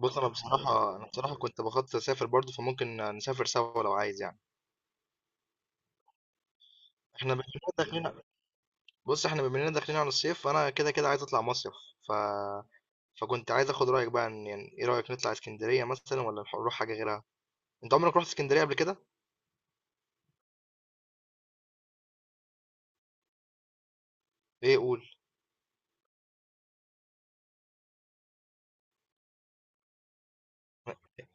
بُص أنا بصراحة كنت باخطط أسافر برضه، فممكن نسافر سوا لو عايز يعني. إحنا بما إننا داخلين ع إحنا بما إننا داخلين على الصيف، فأنا كده عايز أطلع مصيف. ف فكنت عايز آخد رأيك بقى إن يعني إيه رأيك نطلع إسكندرية مثلًا والّا نروح حاجة غيرها؟ أنت عمرك رُحت إسكندرية قبل كده؟ إيه قُل،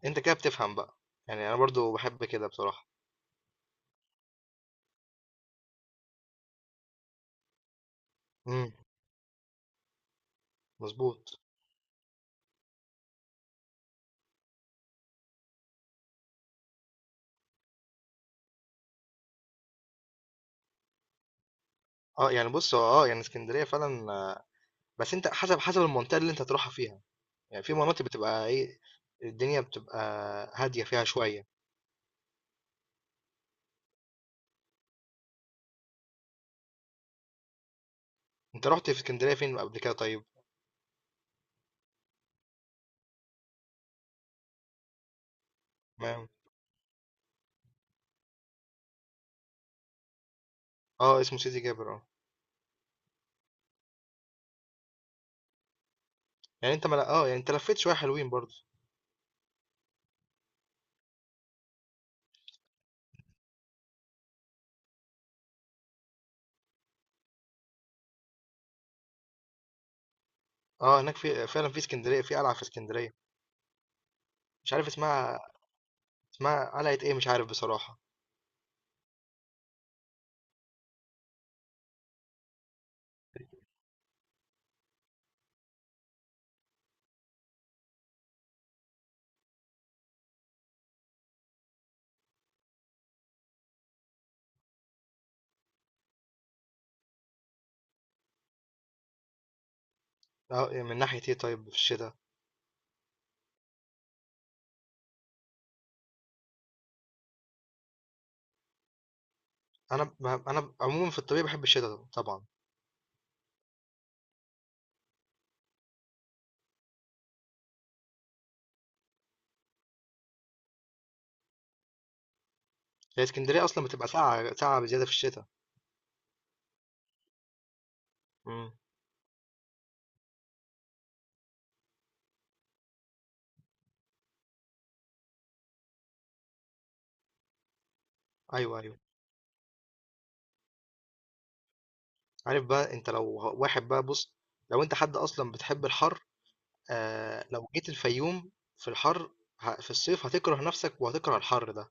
أنت كده بتفهم بقى، يعني أنا برضه باحب كده بصراحة. إمم، مضبوط. يعني بُص هو يعني إسكندرية فعلًا آه، بس أنت حسب المنطقة اللي أنت هتروحها فيها، يعني في مناطق بتبقى إيه، الدنيا بتبقى هادية فيها شوية. أنت رُحت في إسكندرية فين قبل كده طيب؟ تمام. آه، اسمه سيدي جابر آه. يعني أنت ما ل آه، يعني أنت لفّيت شوية حلوين برضه. آه، هناك في فعلًا في إسكندرية في قلعة في إسكندرية، مش عارف اسمها اسمها قلعة إيه مش عارف بصراحة. آه، من ناحية إيه طيب في الشتا؟ أنا عمومًا في الطبيعي باحب الشتا طبعًا. هي إسكندرية أصلًا بتبقى ساقعة بزيادة في الشتا. إمم، أيوه، أيوه. عارف بقى أنت لو واحد بقى بُص، لو أنت حد أصلًا بتحب الحَر، لو جيت الفيوم في الحَر في الصيف هتكره نَفْسك وهتكره الحَر ده.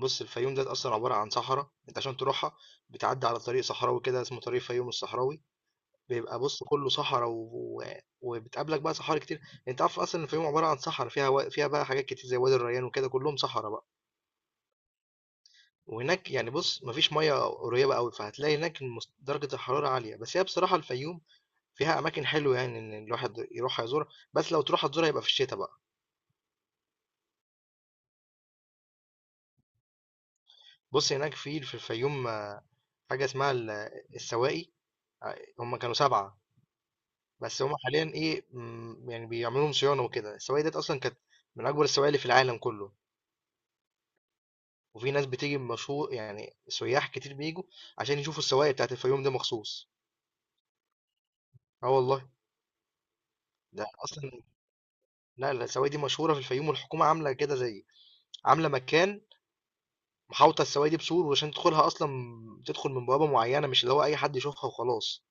بُص، الفيوم ديّة أصلًا عبارة عن صحرا، أنت عشان تروحها بتعدّي على طريق صحراوي كده اسمه طريق الفيوم الصحراوي. بيبقى بُص كلّه صحرا وبتقابلك بقى صحاري كتير. أنت عارف أصلًا الفيوم عبارة عن صحرا فيها بقى حاجات كتير زي وادي الريان وكده كلّهم صحرا بقى. وهناك يعني بُص ما فيش مَيّة قريبة أوي، فهتلاقي هناك المس درجة الحرارة عالية، بس هي بصراحة الفيوم فيها أماكن حلوة يعني إن الواحد يروحها يزورها، بس لو تروحها تزورها يبقى في الشتا بقى. بُص هناك في الفيوم آه، حاجة اسمها السواقي، ع هُم كانوا 7. بس هما حاليا ايه مم، يعني بيعملوا لهم صيانه وكده. السواقي ديت اصلا كانت من اكبر السواقي اللي في العالم كله. وفي ناس بتيجي مشهور يعني سياح كتير بيجوا عشان يشوفوا السواقي بتاعت الفيوم ده مخصوص. اه والله. ده اصلا لا لا، السواقي دي مشهوره في الفيوم، والحكومه عامله كده زي عامله مكان محاوطه السواقي دي بسور، وعشان تدخلها اصلا تدخل من بوابه معينه، مش اللي هو اي حد يشوفها وخلاص.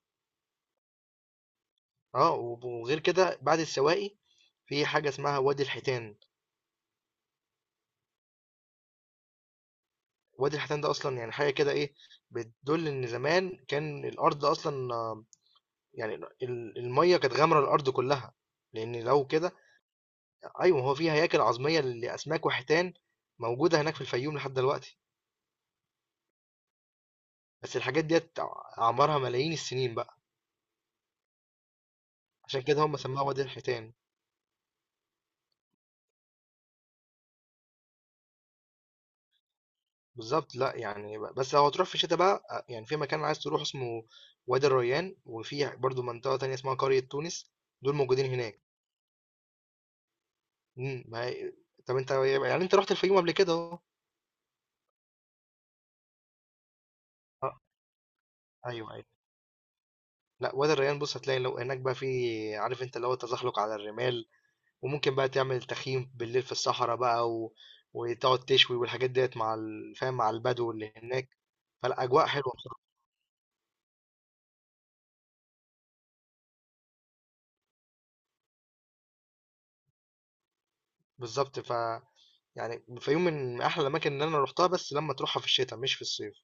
اه وغير كده بعد السواقي في حاجه اسمها وادي الحيتان. وادي الحيتان ده اصلا يعني حاجه كده ايه، بتدل ان زمان كان الارض اصلا آه، يعني الميه كانت غامره الارض كلها، لان لو كده. ايوه هو في هياكل عظميه لاسماك وحيتان موجوده هناك في الفيوم لحد دلوقتي. بس الحاجات ديت اعمارها ملايين السنين بقى. عشان كده هم سموها وادي الحيتان. بالظبط. لا يعني بس لو هتروح في الشتاء بقى آه، يعني في مكان عايز تروح اسمه وادي الريان، وفي برضو منطقه تانية اسمها قريه تونس، دول موجودين هناك. ما هي- طب انت يعني انت رحت الفيوم قبل كده اهو. آه، أيوه، أيوه. لأ، وادي الريان بُص هتلاقي لو هناك بقى في، عارف أنت اللي هو التزحلق على الرمال، وممكن بقى تعمل تخييم بالليل في الصحرا بقى وتقعد تشوي والحاجات ديّة مع ال فاهم، مع البدو اللي هناك. فلأ، أجواء حلوة بصراحة. بالضبط. يعني الفيوم من أحلى الأماكن اللي أنا رُحتها، بس لمّا تروحها في الشتا مش في الصيف.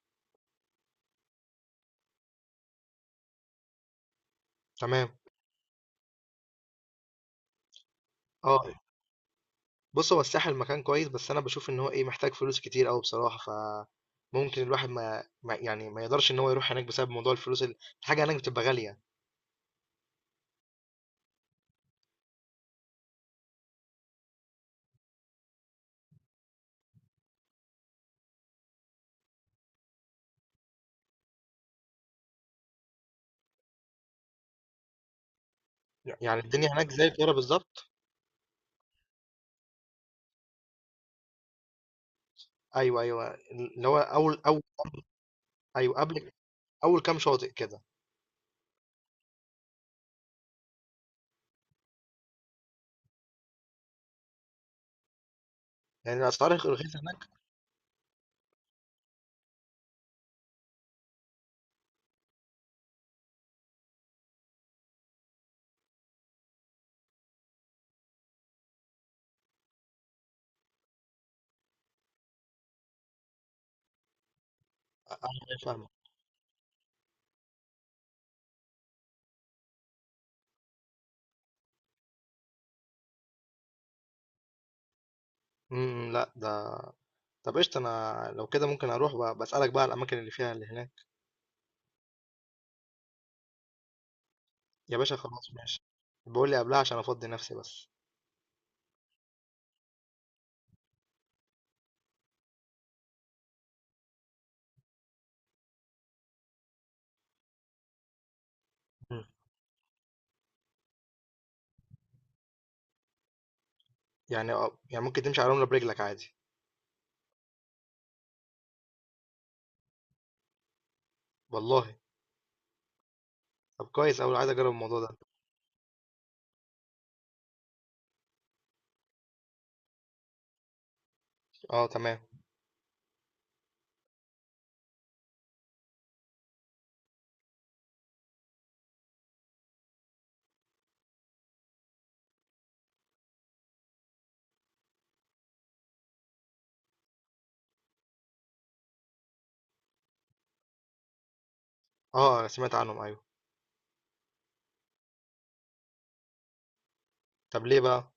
تمام. آه. بُص، هو الساحل مكان كويس بس أنا باشوف إن هو إيه، محتاج فلوس كتير أوي بصراحة. فممكن الواحد ما يعني ما يقدرش إن هو يروح هناك بسبب موضوع الفلوس الحاجة هناك بتبقى غالية. يعني الدنيا هناك زي القاهرة بالظبط. أيوه أيوه، اللي هو أول. أيوه قبل أول كام شاطئ كده. يعني الأسعار رخيصة هناك. غير فاهمة. امم. لا ده طب قشطة أنا لو كده ممكن أروح بقى بسألك بقى على الأماكن اللي فيها اللي هناك. يا باشا خلاص ماشي، بقول لي قبلها عشان أفضي نفسي بس. مم. يعني أه، يعني ممكن تمشي على الرملة برجلك عادي. والله؟ طب كويس أوي، عايز أجرب الموضوع ده. أه تمام. أه أنا سمعت عنهم أيوه. طب ليه بقى؟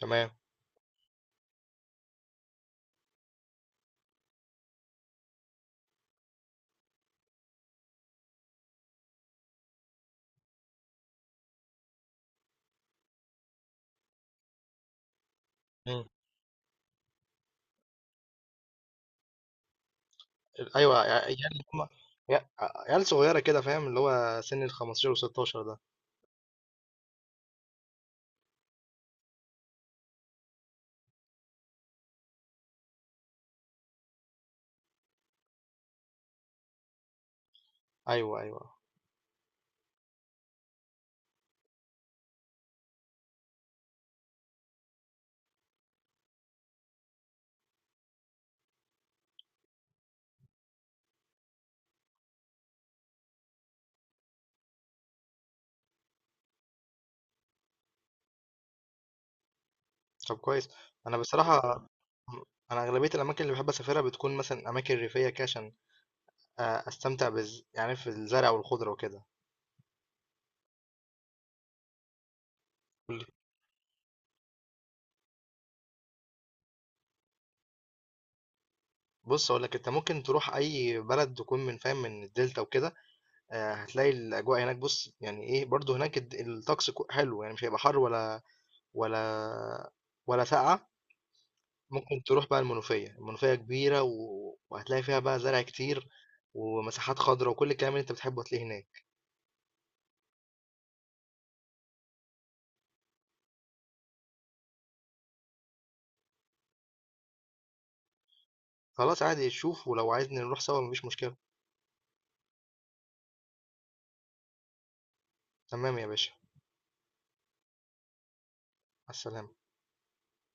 تمام. ايوه عيال اللي هم، عيال صغيره كده فاهم، اللي هو سن ال 15 و16 ده. ايوه ايوه. طب كويس. انا بصراحه انا اغلبيه الاماكن اللي بحب اسافرها بتكون مثلا اماكن ريفيه كده، عشان آه، يعني في الزرع والخضره وكده. بص اقول لك انت ممكن تروح اي بلد تكون من فاهم من الدلتا وكده. آه، هتلاقي الاجواء هناك بص يعني ايه، برضو هناك الطقس حلو، يعني مش هيبقى حر ولا ولا ساقعه. ممكن تروح بقى المنوفية، المنوفية كبيرة وهتلاقي فيها بقى زرع كتير ومساحات خضرا، وكل الكلام اللي أنت بتحبه هتلاقيه هناك. خلاص عادي شوف، ولو عايزني نروح سوا مفيش مشكلة. تمام يا باشا. مع السلامة.